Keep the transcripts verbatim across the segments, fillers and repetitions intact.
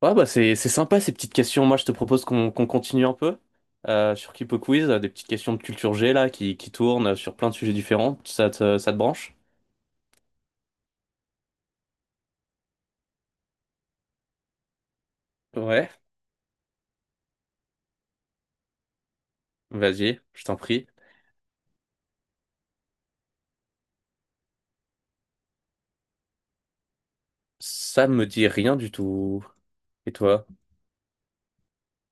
Ouais, bah c'est c'est sympa ces petites questions. Moi, je te propose qu'on qu'on continue un peu euh, sur Kipo Quiz, euh, des petites questions de culture G là qui, qui tournent euh, sur plein de sujets différents. Ça te, ça te branche? Ouais. Vas-y, je t'en prie. Ça me dit rien du tout. Et toi?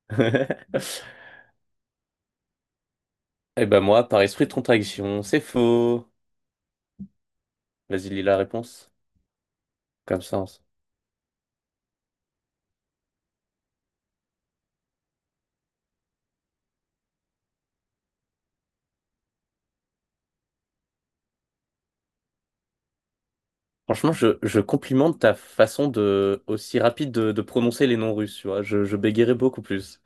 Eh ben moi, par esprit de contradiction, c'est faux. Vas-y, lis la réponse. Comme ça. On s- Franchement, je, je complimente ta façon de aussi rapide de, de prononcer les noms russes, tu vois. Je, je bégayerais beaucoup plus.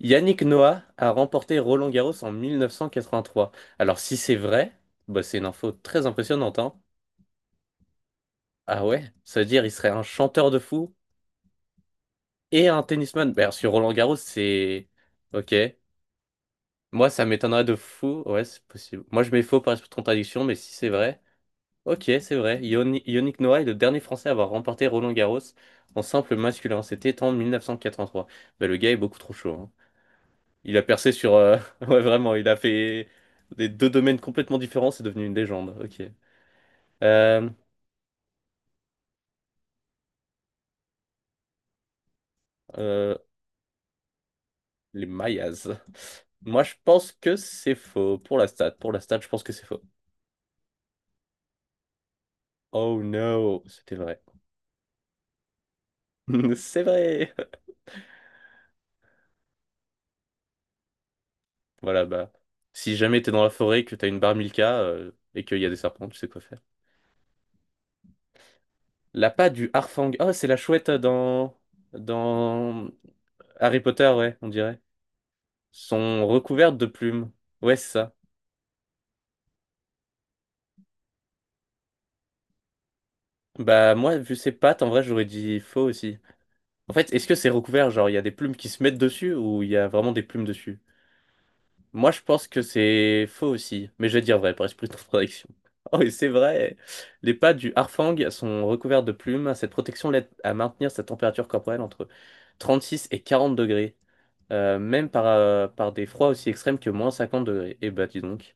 Yannick Noah a remporté Roland-Garros en mille neuf cent quatre-vingt-trois. Alors si c'est vrai, bah, c'est une info très impressionnante, hein. Ah ouais, ça veut dire il serait un chanteur de fou et un tennisman. Bah, sur Roland-Garros, c'est... Ok. Moi, ça m'étonnerait de fou. Ouais, c'est possible. Moi, je mets faux par contradiction, mais si c'est vrai... Ok, c'est vrai. Yoni- Yannick Noah est le dernier Français à avoir remporté Roland-Garros en simple masculin. C'était en mille neuf cent quatre-vingt-trois. Bah, le gars est beaucoup trop chaud, hein. Il a percé sur. euh, Ouais, vraiment, il a fait des deux domaines complètement différents, c'est devenu une légende. Ok. Euh, euh, les Mayas. Moi, je pense que c'est faux. Pour la stat, pour la stat, je pense que c'est faux. Oh no, c'était vrai. C'est vrai. Voilà, bah. Si jamais t'es dans la forêt, que t'as une bar Milka euh, et qu'il y a des serpents, tu sais quoi faire. La patte du Harfang. Oh, c'est la chouette dans. Dans Harry Potter, ouais, on dirait. Sont recouvertes de plumes. Ouais, c'est ça. Bah moi, vu ses pattes, en vrai, j'aurais dit faux aussi. En fait, est-ce que c'est recouvert? Genre, il y a des plumes qui se mettent dessus ou il y a vraiment des plumes dessus? Moi, je pense que c'est faux aussi, mais je vais dire vrai par esprit de contradiction. Oh, et c'est vrai! Les pattes du harfang sont recouvertes de plumes. Cette protection l'aide à maintenir sa température corporelle entre trente-six et quarante degrés, euh, même par, euh, par des froids aussi extrêmes que moins cinquante degrés. Et bah dis donc,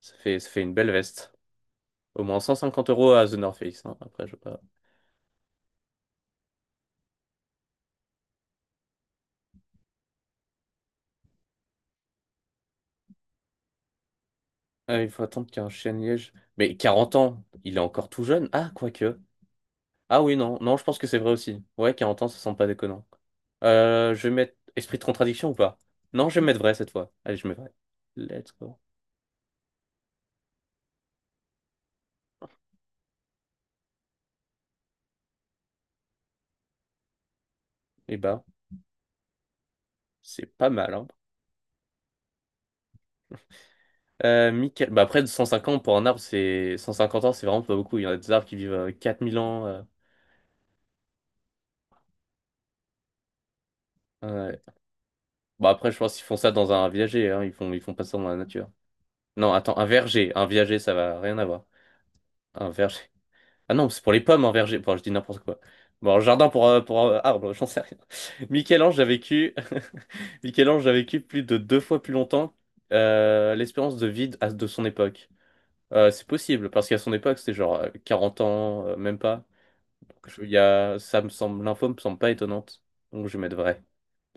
ça fait, ça fait une belle veste. Au moins cent cinquante euros à The North Face, hein. Après, je... sais pas. Ah, il faut attendre qu'il y ait un chêne-liège. Mais quarante ans, il est encore tout jeune. Ah, quoique. Ah oui, non, non, je pense que c'est vrai aussi. Ouais, quarante ans, ça semble pas déconnant. Euh, je vais mettre esprit de contradiction ou pas? Non, je vais mettre vrai cette fois. Allez, je mets vrai. Let's go. Et bah, c'est pas mal, hein. Euh, Michael... Bah après, de cent cinquante ans, pour un arbre, c'est... cent cinquante ans, c'est vraiment pas beaucoup. Il y en a des arbres qui vivent euh, quatre mille ans. euh, euh, Bah après, je pense qu'ils font ça dans un viager, hein. Ils font... Ils font pas ça dans la nature. Non, attends, un verger. Un viager, ça va rien avoir. Un verger. Ah non, c'est pour les pommes en verger. Bon, je dis n'importe quoi. Bon, en jardin pour, euh, pour euh, arbre, j'en sais rien. Michel-Ange a vécu... Michel-Ange a vécu plus de deux fois plus longtemps euh, l'espérance de vie à- de son époque. Euh, c'est possible, parce qu'à son époque, c'était genre euh, quarante ans, euh, même pas. Je- il y a... Ça me semble... L'info me semble pas étonnante. Donc je vais mettre vrai.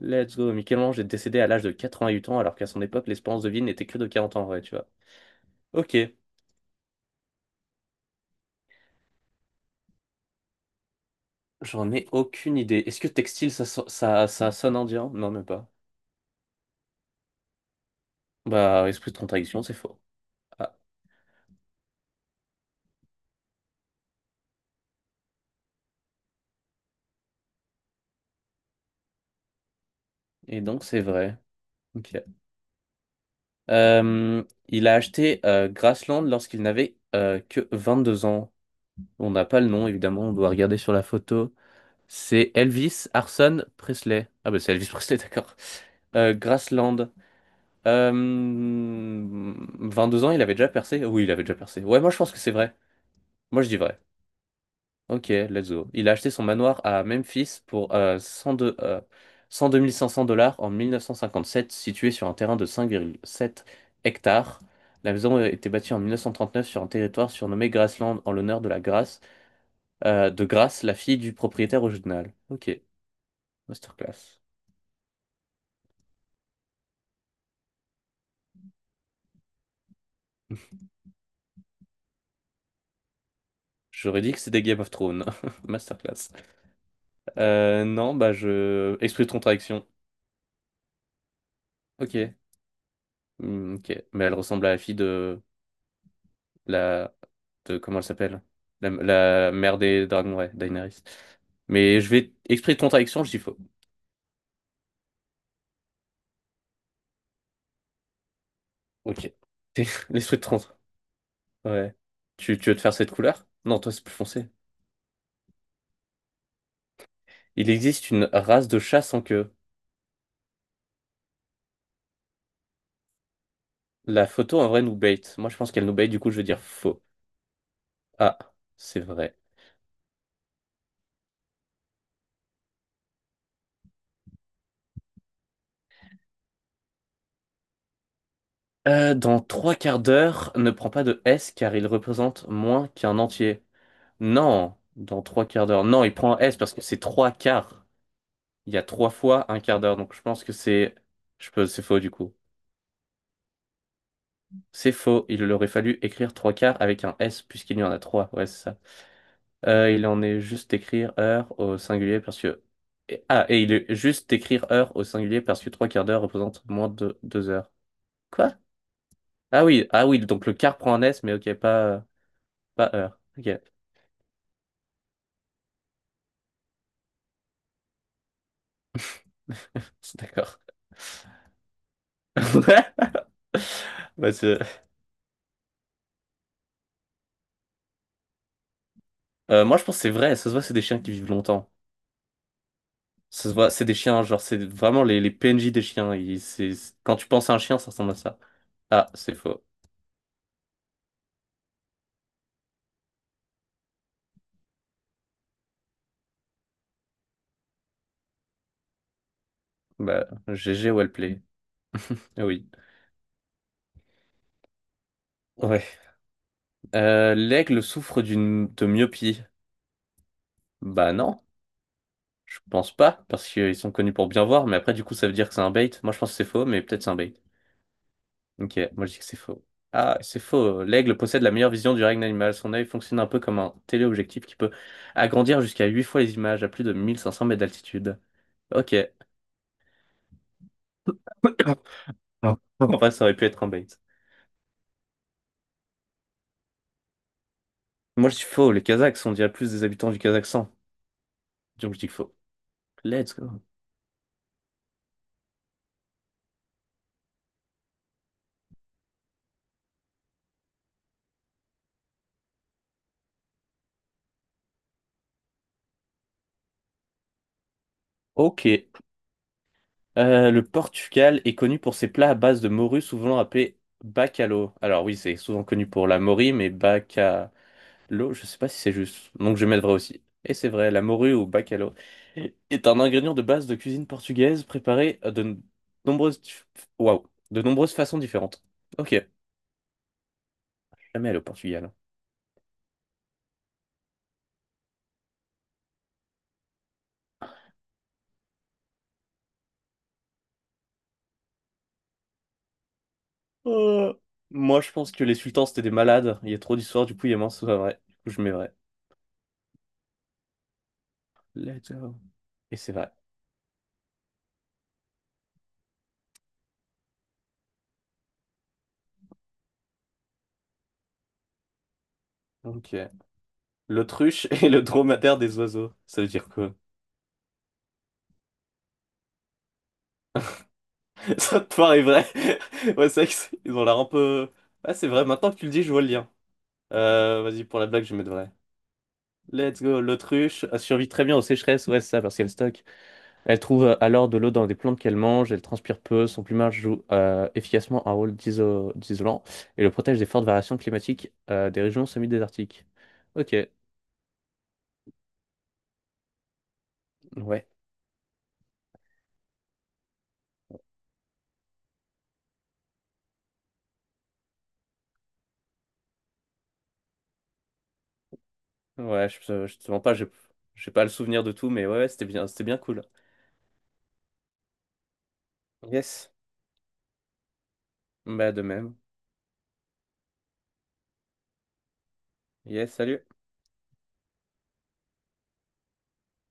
Let's go. Michel-Ange est décédé à l'âge de quatre-vingt-huit ans, alors qu'à son époque, l'espérance de vie n'était que de quarante ans, ouais, tu vois. Ok. J'en ai aucune idée. Est-ce que textile, ça, so- ça, ça sonne indien? Non, même pas. Bah, esprit de contradiction, c'est faux. Ah, et donc c'est vrai. Ok. Euh, il a acheté euh, Grassland lorsqu'il n'avait euh, que deux ans. On n'a pas le nom, évidemment, on doit regarder sur la photo. C'est Elvis Arson Presley. Ah bah c'est Elvis Presley, d'accord. Euh, Grassland. Euh, vingt-deux ans, il avait déjà percé? Oui, il avait déjà percé. Ouais, moi je pense que c'est vrai. Moi je dis vrai. Ok, let's go. Il a acheté son manoir à Memphis pour euh, cent deux euh, cent deux mille cinq cents dollars en mille neuf cent cinquante sept, situé sur un terrain de cinq virgule sept hectares. La maison a été bâtie en mille neuf cent trente neuf sur un territoire surnommé Graceland en l'honneur de la Grace, euh, de Grace, la fille du propriétaire original. Ok, masterclass. J'aurais dit que c'était Game of Thrones. Masterclass. Euh, non, bah je... Esprit de contradiction. Ok. Hmm, ok. Mais elle ressemble à la fille de... la. De- comment elle s'appelle? La, la mère des dragons, ouais, Daenerys. Mais je vais, esprit de contradiction, je dis faux. Ok. C'est l'esprit de trente. Ouais. Tu, tu veux te faire cette couleur? Non, toi, c'est plus foncé. Il existe une race de chat sans queue. La photo, en vrai, nous bait. Moi, je pense qu'elle nous bait, du coup, je vais dire faux. Ah, c'est vrai. Euh, dans trois quarts d'heure, ne prends pas de S car il représente moins qu'un entier. Non, dans trois quarts d'heure. Non, il prend un S parce que c'est trois quarts. Il y a trois fois un quart d'heure, donc je pense que c'est je peux... c'est faux du coup. C'est faux, il aurait fallu écrire trois quarts avec un S puisqu'il y en a trois, ouais c'est ça. Euh, il en est juste écrire heure au singulier parce que... et- Ah, et il est juste écrire heure au singulier parce que trois quarts d'heure représente moins de deux heures. Quoi? Ah oui, ah oui, donc le quart prend un S, mais ok, pas, euh, pas heure. Ok, d'accord. Bah, c'est- euh, moi je pense que c'est vrai, ça se voit, c'est des chiens qui vivent longtemps. Ça se voit, c'est des chiens, genre c'est vraiment les, les P N J des chiens. Ils- c'est- c'est- Quand tu penses à un chien, ça ressemble à ça. Ah, c'est faux. Bah, G G, well play. Ah oui. Ouais. Euh, l'aigle souffre d'une de myopie. Bah non, je pense pas, parce qu'ils sont connus pour bien voir, mais après du coup ça veut dire que c'est un bait. Moi je pense que c'est faux, mais peut-être c'est un bait. Ok, moi je dis que c'est faux. Ah, c'est faux. L'aigle possède la meilleure vision du règne animal. Son œil fonctionne un peu comme un téléobjectif qui peut agrandir jusqu'à huit fois les images à plus de mille cinq cents mètres d'altitude. Ok. Ah. En vrai, ça aurait pu être un bait. Moi, je dis faux. Les Kazakhs, on dirait plus des habitants du Kazakhstan. Donc, je dis faux. Let's go. Ok. Euh, le Portugal est connu pour ses plats à base de morue, souvent appelés bacalhau. Alors, oui, c'est souvent connu pour la morue, mais bacalhau, je sais pas si c'est juste. Donc, je vais mettre vrai aussi. Et c'est vrai, la morue ou bacalhau est un ingrédient de base de cuisine portugaise préparé de nombreuses, waouh, de nombreuses façons différentes. Ok. Jamais allé au Portugal. Euh, Moi, je pense que les sultans, c'était des malades. Il y a trop d'histoires, du coup, il y a moins, c'est pas vrai. Du coup, je mets vrai. Let's go. Et c'est vrai. Ok. L'autruche et le dromadaire des oiseaux. Ça veut dire quoi? Ça te paraît vrai? Ouais, c'est vrai que c'est- ils ont l'air un peu... Ah, c'est vrai, maintenant que tu le dis, je vois le lien. Euh, vas-y, pour la blague, je vais mettre vrai. Let's go. L'autruche a survécu très bien aux sécheresses. Ouais, c'est ça, parce qu'elle stocke. Elle trouve euh, alors de l'eau dans des plantes qu'elle mange, elle transpire peu, son plumage joue euh, efficacement un rôle d'iso- d'isolant et le protège des fortes variations climatiques euh, des régions semi-désertiques. Ok, ouais, ouais, je, je te mens pas, j'ai j'ai pas le souvenir de tout, mais ouais, ouais, c'était bien, c'était bien cool. Yes, bah de même. Yes, salut.